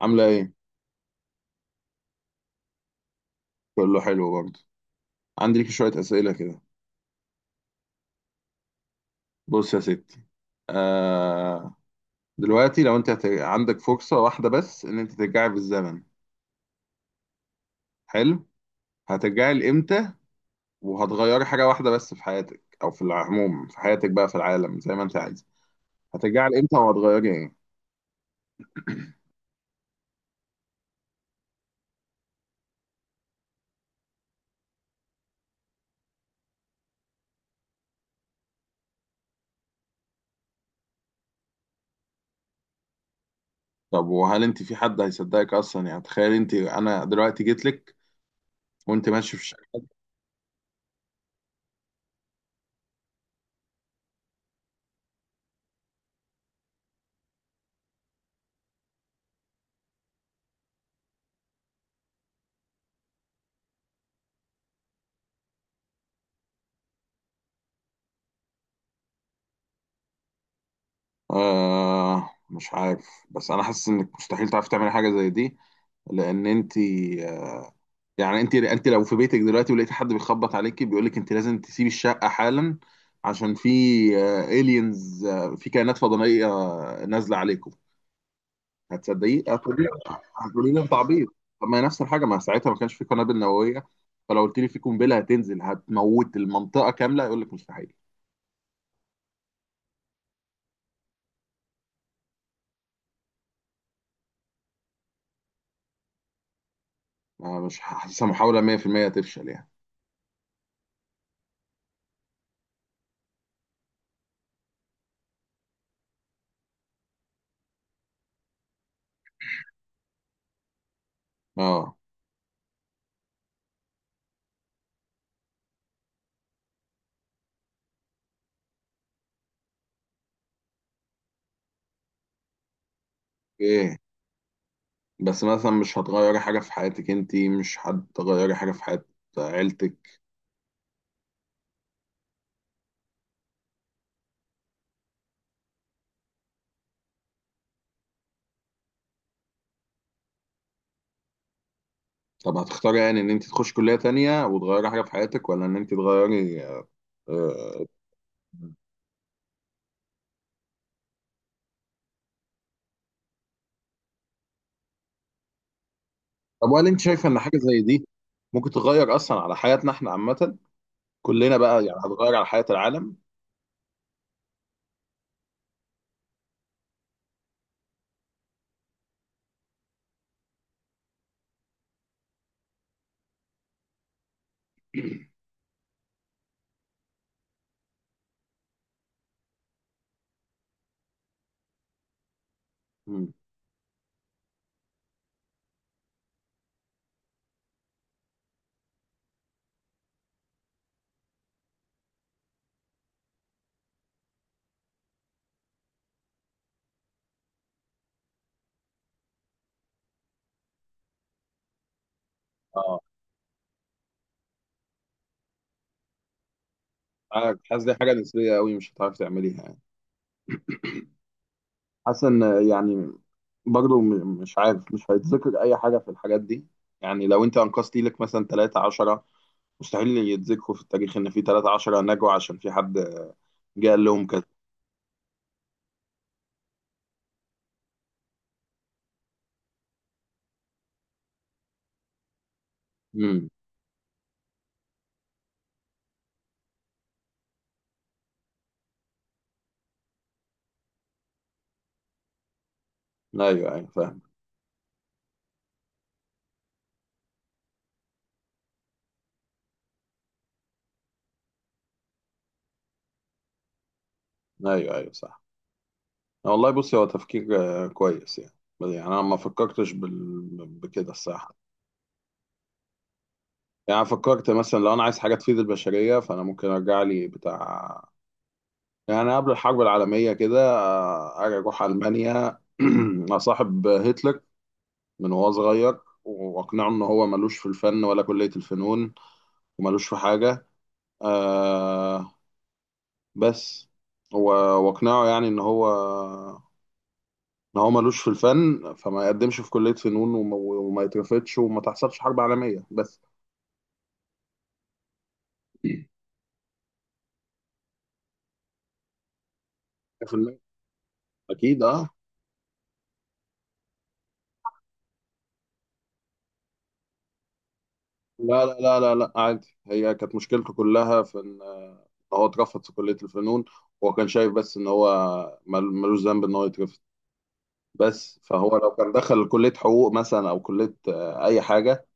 عاملة ايه؟ كله حلو برضه. عندي لك شوية أسئلة كده. بص يا ستي. آه دلوقتي لو انت عندك فرصة واحدة بس ان انت ترجعي بالزمن. حلو. هترجعي لإمتى وهتغيري حاجة واحدة بس في حياتك او في العموم في حياتك بقى في العالم زي ما انت عايزة؟ هترجعي لإمتى وهتغيري ايه؟ طب وهل انت في حد هيصدقك اصلا؟ يعني تخيل، انت انا دلوقتي جيت لك وانت ماشي في الشارع. آه، مش عارف، بس انا حاسس انك مستحيل تعرفي تعملي حاجة زي دي. لان انت آه، يعني انت لو في بيتك دلوقتي ولقيت حد بيخبط عليكي بيقول لك انت لازم تسيبي الشقه حالا عشان في الينز، في كائنات فضائيه نازله عليكم، هتصدقيه؟ هتقولي لي انت عبيط؟ طب، ما هي نفس الحاجه. ما ساعتها ما كانش في قنابل نوويه، فلو قلت لي في قنبله هتنزل هتموت المنطقه كامله يقول لك مستحيل. آه، مش حاسسها محاوله، 100% هتفشل يعني. اه. ايه، بس مثلا مش هتغيري حاجه في حياتك؟ انت مش هتغيري حاجه في حياه عيلتك؟ طب، هتختاري يعني ان انت تخش كلية تانية وتغيري حاجة في حياتك ولا ان انت تغيري؟ آه، طب وهل انت شايفة ان حاجة زي دي ممكن تغير اصلا على حياتنا احنا عامة؟ كلنا بقى يعني هتغير على حياة العالم؟ مم. اه، عارف، حاسس دي حاجة نسبية قوي مش هتعرف تعمليها يعني. حاسس ان يعني برضو مش عارف مش هيتذكر اي حاجة في الحاجات دي. يعني لو انت انقذتي لك مثلا 3 10، مستحيل يتذكروا في التاريخ ان في 3 10 نجوا عشان في حد جه قال لهم كذا. امم، ايوه، ايوه، فاهم. ايوه، ايوه، صح. والله، بصي، هو تفكير كويس يعني. يعني انا ما فكرتش بكده الصراحه. يعني أنا فكرت مثلا لو انا عايز حاجه تفيد البشريه فانا ممكن ارجع لي بتاع، يعني قبل الحرب العالميه كده. ارجع اروح المانيا، اصاحب هتلر من وهو صغير، واقنعه ان هو ملوش في الفن ولا كليه الفنون، وملوش في حاجه. آه بس واقنعه يعني ان هو ملوش في الفن، فما يقدمش في كلية فنون وما يترفضش وما تحصلش حرب عالمية بس. 100%. اكيد، اه. لا لا لا لا لا، عادي. هي كانت مشكلته كلها في ان هو اترفض في كلية الفنون. هو كان شايف بس ان هو ملوش ذنب ان هو يترفض بس. فهو لو كان دخل كلية حقوق مثلا او كلية اي حاجة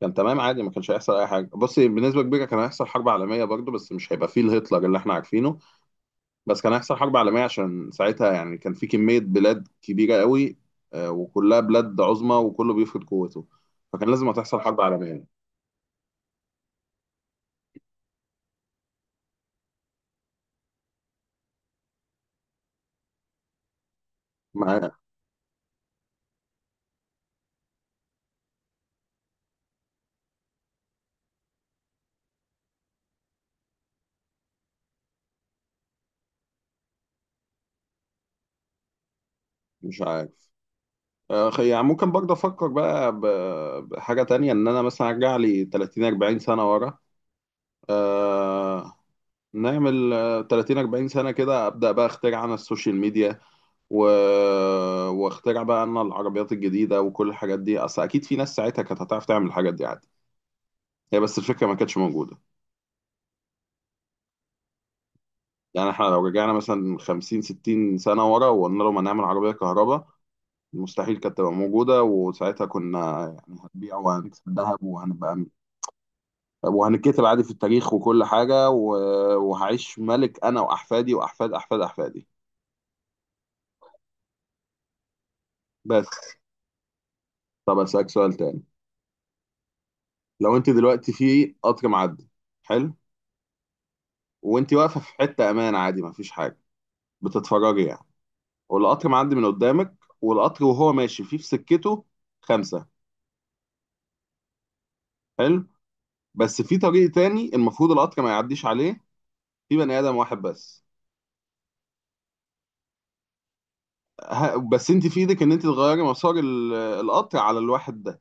كان تمام، عادي. ما كانش هيحصل اي حاجة. بصي، بنسبة كبيرة كان هيحصل حرب عالمية برضه، بس مش هيبقى فيه الهتلر اللي احنا عارفينه. بس كان هيحصل حرب عالمية عشان ساعتها يعني كان في كمية بلاد كبيرة قوي وكلها بلاد عظمى وكله بيفرض قوته، فكان لازم هتحصل حرب عالمية معاه. مش عارف. يعني ممكن برضه أفكر بقى بحاجة تانية، إن أنا مثلا أرجع لي 30 40 سنة ورا. آه، نعمل 30 40 سنة كده، أبدأ بقى أخترع أنا السوشيال ميديا و... واخترع بقى أنا العربيات الجديدة وكل الحاجات دي. أصل أكيد في ناس ساعتها كانت هتعرف تعمل الحاجات دي عادي، هي بس الفكرة ما كانتش موجودة. يعني احنا لو رجعنا مثلا 50 60 سنة ورا وقلنا لهم هنعمل عربية كهرباء، مستحيل كانت تبقى موجودة. وساعتها كنا يعني هنبيع وهنكسب ذهب وهنبقى وهنتكتب عادي في التاريخ وكل حاجة، وهعيش ملك أنا وأحفادي وأحفاد أحفاد أحفادي. بس. طب، أسألك سؤال تاني. لو أنت دلوقتي في قطر معدي. حلو. وأنت واقفة في حتة أمان، عادي مفيش حاجة، بتتفرجي يعني، والقطر معدي من قدامك، والقطر وهو ماشي فيه في سكته خمسة. حلو. بس في طريق تاني المفروض القطر ما يعديش عليه، في بني ادم واحد بس. بس انت في ايدك ان انت تغيري مسار القطر على الواحد ده.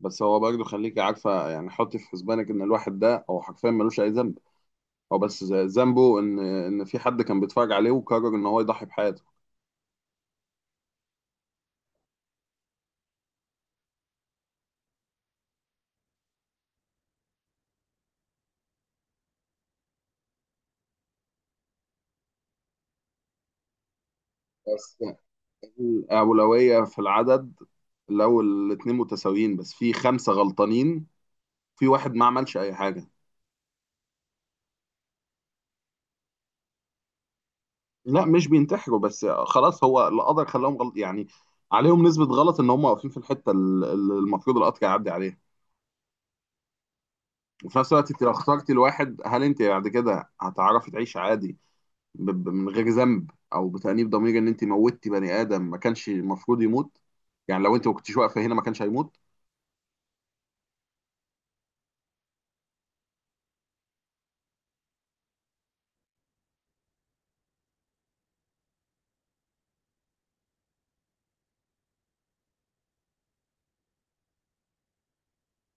بس هو برضه، خليكي عارفه، يعني حطي في حسبانك ان الواحد ده هو حرفيا ملوش اي ذنب. هو بس ذنبه ان في حد كان بيتفرج عليه وقرر ان هو يضحي بحياته. بس الاولويه في العدد، لو الاتنين متساويين بس في خمسه غلطانين، في واحد ما عملش اي حاجه. لا، مش بينتحروا بس خلاص هو القدر خلاهم غلط يعني، عليهم نسبة غلط ان هم واقفين في الحتة اللي المفروض القطر يعدي عليها. وفي نفس الوقت انت لو اخترتي الواحد هل انت بعد كده هتعرفي تعيشي عادي من غير ذنب او بتأنيب ضمير ان انت موتي بني ادم ما كانش المفروض يموت؟ يعني لو انت ما كنتيش واقفة هنا ما كانش هيموت.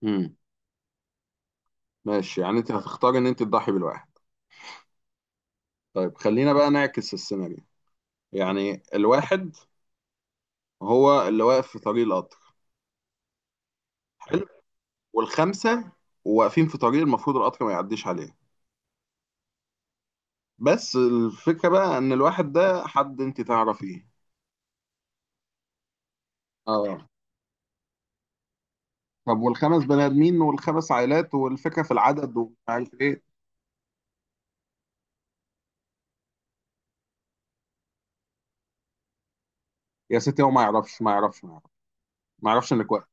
امم. ماشي، يعني انت هتختاري ان انت تضحي بالواحد. طيب، خلينا بقى نعكس السيناريو. يعني الواحد هو اللي واقف في طريق القطر، والخمسه واقفين في طريق المفروض القطر ما يعديش عليه. بس الفكره بقى ان الواحد ده حد انت تعرفيه. اه. طب والخمس بني ادمين والخمس عائلات والفكره في العدد ومش عارف ايه؟ يا ستي هو ما يعرفش انك واقف.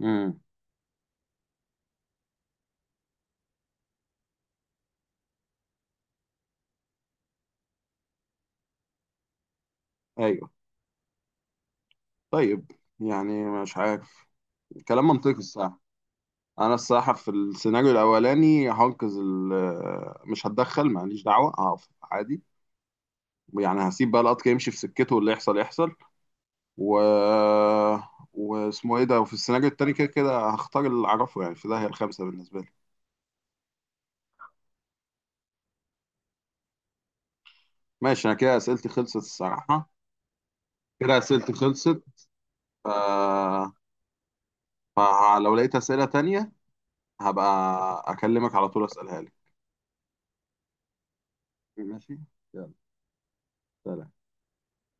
امم. ايوه. طيب، يعني مش عارف. كلام منطقي الصراحه. انا الصراحه في السيناريو الاولاني هنقذ مش هتدخل، ماليش دعوه، هقف عادي. يعني هسيب بقى القطر يمشي في سكته واللي يحصل يحصل، و واسمه ايه ده. وفي السيناريو التاني كده كده هختار اللي اعرفه، يعني في داهية الخمسة بالنسبة لي. ماشي، انا كده اسئلتي خلصت الصراحة. كده اسئلتي خلصت. آه فلو لقيت اسئلة تانية هبقى اكلمك على طول اسألها لك. ماشي. يلا. سلام.